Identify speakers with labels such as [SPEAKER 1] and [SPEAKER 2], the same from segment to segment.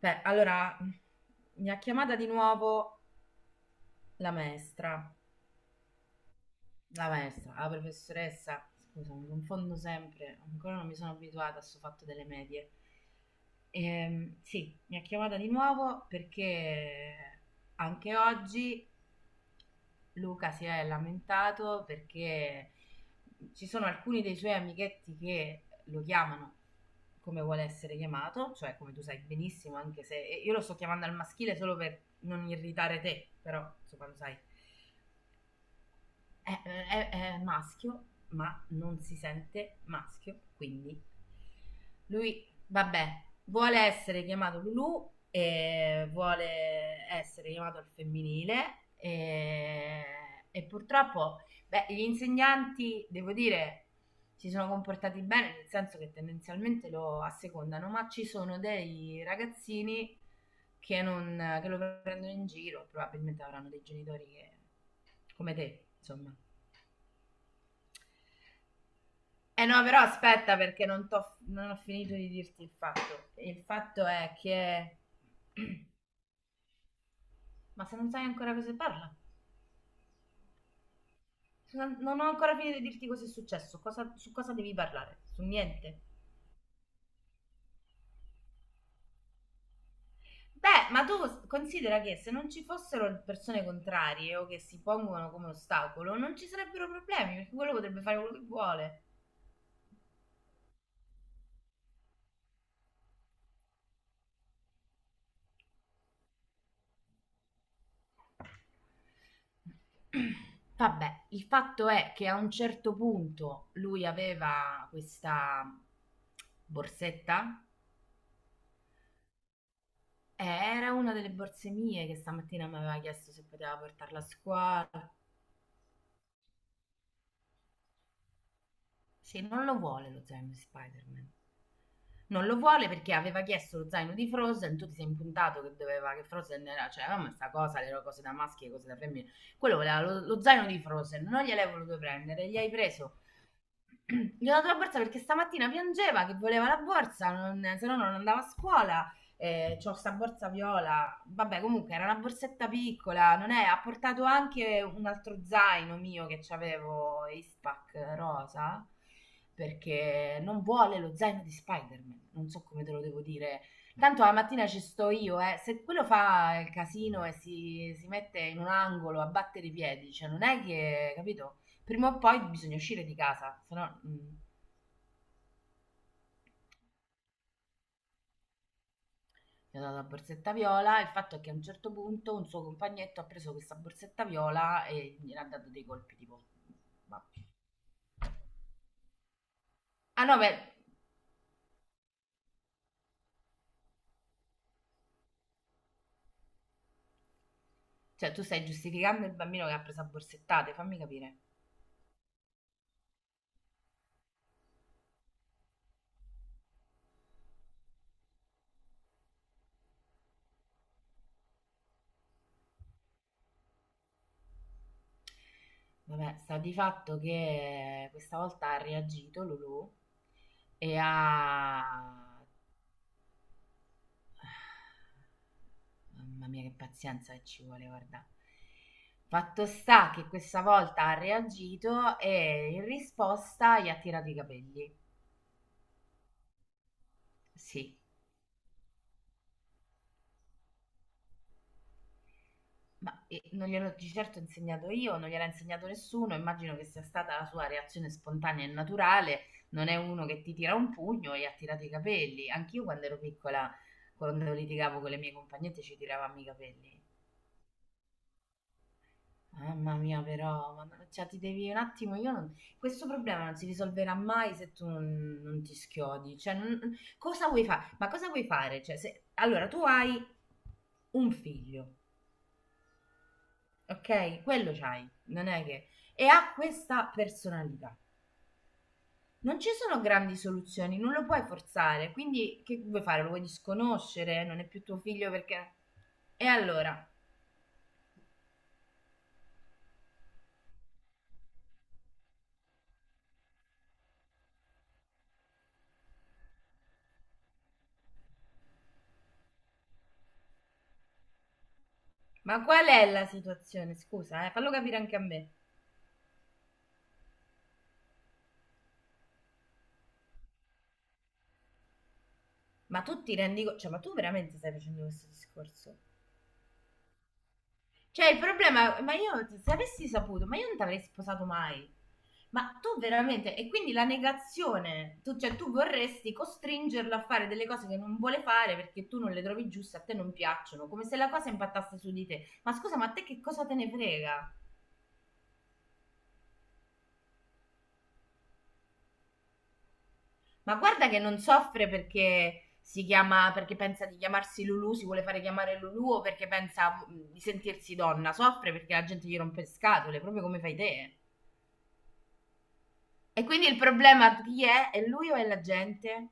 [SPEAKER 1] Beh, allora mi ha chiamata di nuovo la maestra, la maestra, la professoressa, scusa, mi confondo sempre, ancora non mi sono abituata a questo fatto delle medie. Sì, mi ha chiamata di nuovo perché anche oggi Luca si è lamentato perché ci sono alcuni dei suoi amichetti che lo chiamano come vuole essere chiamato, cioè come tu sai benissimo, anche se e io lo sto chiamando al maschile solo per non irritare te, però insomma lo sai è, è maschio, ma non si sente maschio, quindi lui, vabbè, vuole essere chiamato Lulu e vuole essere chiamato al femminile e purtroppo, beh, gli insegnanti, devo dire, si sono comportati bene, nel senso che tendenzialmente lo assecondano, ma ci sono dei ragazzini che, non, che lo prendono in giro, probabilmente avranno dei genitori che, come te, insomma, eh no, però aspetta perché non ho finito di dirti il fatto. Il fatto è che... Ma se non sai ancora cosa si parla? Se non ho ancora finito di dirti cosa è successo, su cosa devi parlare, su niente. Beh, ma tu considera che se non ci fossero persone contrarie o che si pongono come ostacolo, non ci sarebbero problemi, perché quello potrebbe fare quello che vuole. Vabbè, il fatto è che a un certo punto lui aveva questa borsetta. Era una delle borse mie che stamattina mi aveva chiesto se poteva portarla a scuola. Sì, non lo vuole lo zaino di Spider-Man. Non lo vuole perché aveva chiesto lo zaino di Frozen, tu ti sei impuntato che doveva che Frozen era, cioè, ma sta cosa, le cose da maschi e cose da femmine. Quello voleva lo zaino di Frozen, non gliel'hai voluto prendere, gli hai preso. Gli ho dato la borsa perché stamattina piangeva che voleva la borsa, non- se no non andava a scuola, c'ho sta borsa viola, vabbè comunque era una borsetta piccola, non è, ha portato anche un altro zaino mio che c'avevo, Ispac rosa, perché non vuole lo zaino di Spider-Man, non so come te lo devo dire. Tanto la mattina ci sto io, eh. Se quello fa il casino e si mette in un angolo a battere i piedi, cioè non è che, capito? Prima o poi bisogna uscire di casa, se no... gli ho dato la borsetta viola. Il fatto è che a un certo punto un suo compagnetto ha preso questa borsetta viola e gli ha dato dei colpi tipo... ma- ah no, beh, cioè tu stai giustificando il bambino che ha preso a borsettate, fammi capire. Vabbè, sta di fatto che questa volta ha reagito Lulu e ha... Mamma mia, che pazienza che ci vuole, guarda. Fatto sta che questa volta ha reagito e in risposta gli ha tirato i capelli. Sì, ma non gliel'ho di certo insegnato io, non gliel'ha insegnato nessuno, immagino che sia stata la sua reazione spontanea e naturale, non è uno che ti tira un pugno e ha tirato i capelli. Anch'io quando ero piccola, quando litigavo con le mie compagnette, ci tiravamo i capelli. Mamma mia, però, ma no- cioè, ti devi un attimo, io non... questo problema non si risolverà mai se tu non ti schiodi. Cioè, non- cosa vuoi fare? Ma cosa vuoi fare? Cioè, se... Allora, tu hai un figlio. Okay? Quello c'hai, non è che e ha questa personalità. Non ci sono grandi soluzioni, non lo puoi forzare, quindi che vuoi fare? Lo vuoi disconoscere? Non è più tuo figlio perché e allora, ma qual è la situazione? Scusa, fallo capire anche a me. Ma tu ti rendi co cioè, ma tu veramente stai facendo questo discorso? Cioè, il problema, ma io se avessi saputo, ma io non ti avrei sposato mai. Ma tu veramente, e quindi la negazione, tu, cioè tu vorresti costringerlo a fare delle cose che non vuole fare perché tu non le trovi giuste, a te non piacciono, come se la cosa impattasse su di te. Ma scusa, ma a te che cosa te ne frega? Ma guarda che non soffre perché si chiama, perché pensa di chiamarsi Lulu, si vuole fare chiamare Lulu o perché pensa di sentirsi donna, soffre perché la gente gli rompe le scatole, proprio come fai te. E quindi il problema chi è? È lui o è la gente?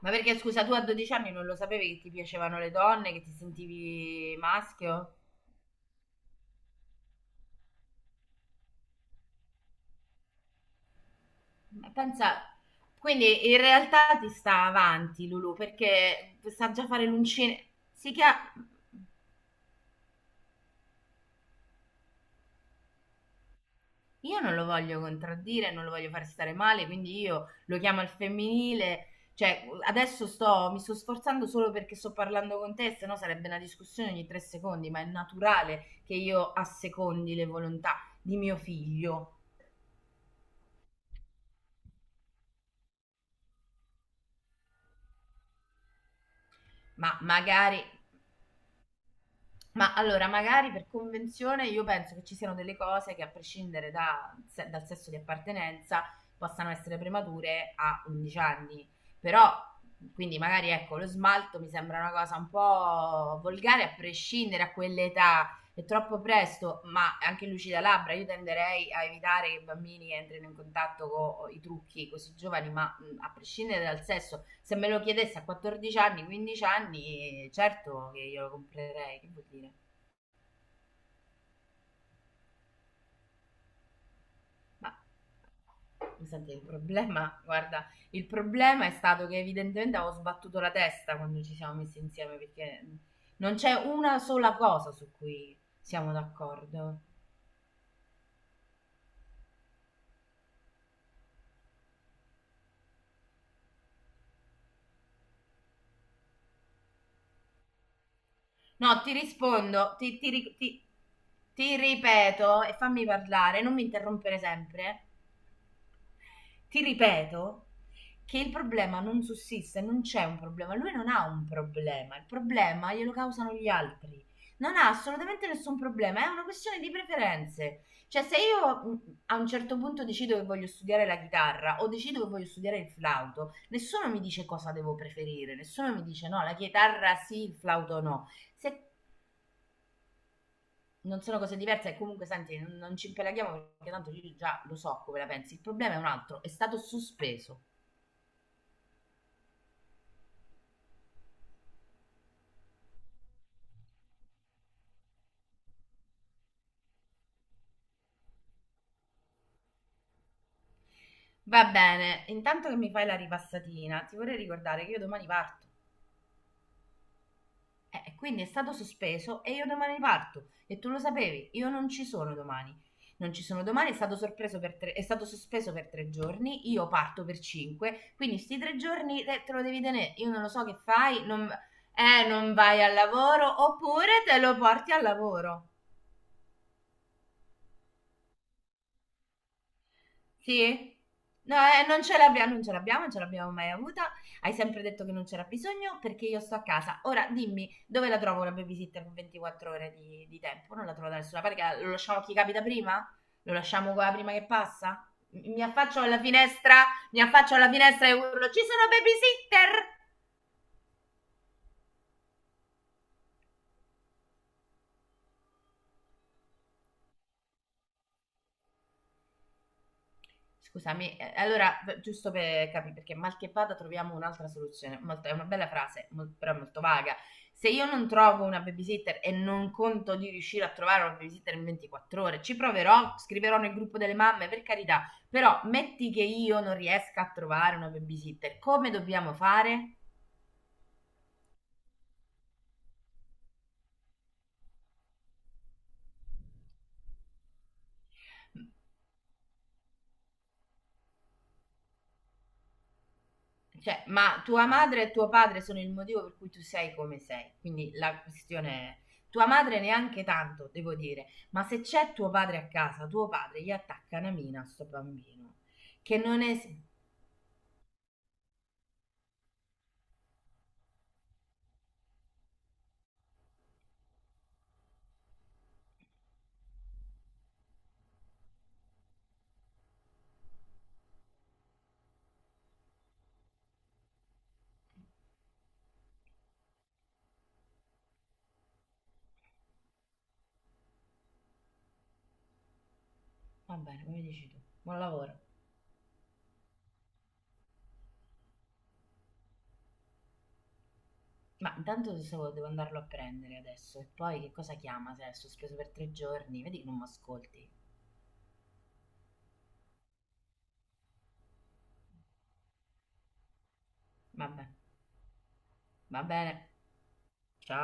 [SPEAKER 1] Ma perché scusa, tu a 12 anni non lo sapevi che ti piacevano le donne, che ti sentivi maschio? Ma pensa, quindi in realtà ti sta avanti Lulu perché sa già fare l'uncine. Si chiama io non lo voglio contraddire, non lo voglio far stare male, quindi io lo chiamo al femminile. Cioè, adesso sto, mi sto sforzando solo perché sto parlando con te, se no sarebbe una discussione ogni 3 secondi, ma è naturale che io assecondi le volontà di mio figlio. Ma magari ma allora, magari per convenzione io penso che ci siano delle cose che a prescindere dal sesso di appartenenza possano essere premature a 11 anni. Però, quindi magari ecco, lo smalto mi sembra una cosa un po' volgare a prescindere a quell'età, è troppo presto, ma anche lucida labbra, io tenderei a evitare che i bambini entrino in contatto con i trucchi così giovani, ma a prescindere dal sesso, se me lo chiedesse a 14 anni, 15 anni, certo che io lo comprerei, che vuol dire? Ma mi sente il problema, guarda, il problema è stato che evidentemente avevo sbattuto la testa quando ci siamo messi insieme, perché non c'è una sola cosa su cui siamo d'accordo. No, ti rispondo, ti ripeto e fammi parlare, non mi interrompere sempre. Ti ripeto che il problema non sussiste, non c'è un problema. Lui non ha un problema, il problema glielo causano gli altri. Non ha assolutamente nessun problema, è una questione di preferenze. Cioè, se io a un certo punto decido che voglio studiare la chitarra o decido che voglio studiare il flauto, nessuno mi dice cosa devo preferire, nessuno mi dice no, la chitarra sì, il flauto no. Se non sono cose diverse e comunque senti, non ci impelaghiamo perché tanto io già lo so come la pensi. Il problema è un altro, è stato sospeso. Va bene, intanto che mi fai la ripassatina, ti vorrei ricordare che io domani parto. Quindi è stato sospeso e io domani parto. E tu lo sapevi, io non ci sono domani. Non ci sono domani, è stato sospeso per 3 giorni, io parto per cinque, quindi sti 3 giorni te lo devi tenere. Io non lo so che fai, non, non vai al lavoro oppure te lo porti al lavoro. Sì? No, non ce l'abbiamo mai avuta. Hai sempre detto che non c'era bisogno perché io sto a casa. Ora dimmi, dove la trovo la babysitter con 24 ore di tempo? Non la trovo da nessuna parte. Che lo lasciamo a chi capita prima? Lo lasciamo qua prima che passa? Mi affaccio alla finestra, mi affaccio alla finestra e urlo, ci sono babysitter! Scusami, allora, b- giusto per capire, perché mal che vada troviamo un'altra soluzione. Molto- è una bella frase, mol- però è molto vaga. Se io non trovo una babysitter e non conto di riuscire a trovare una babysitter in 24 ore, ci proverò, scriverò nel gruppo delle mamme, per carità. Però metti che io non riesca a trovare una babysitter, come dobbiamo fare? Cioè, ma tua madre e tuo padre sono il motivo per cui tu sei come sei. Quindi la questione è, tua madre neanche tanto, devo dire, ma se c'è tuo padre a casa, tuo padre gli attacca una mina a sto bambino, che non è... Va bene, come dici tu, buon lavoro. Ma intanto devo andarlo a prendere adesso e poi che cosa chiama se è sospeso per 3 giorni? Vedi che non mi ascolti. Vabbè, va bene. Ciao.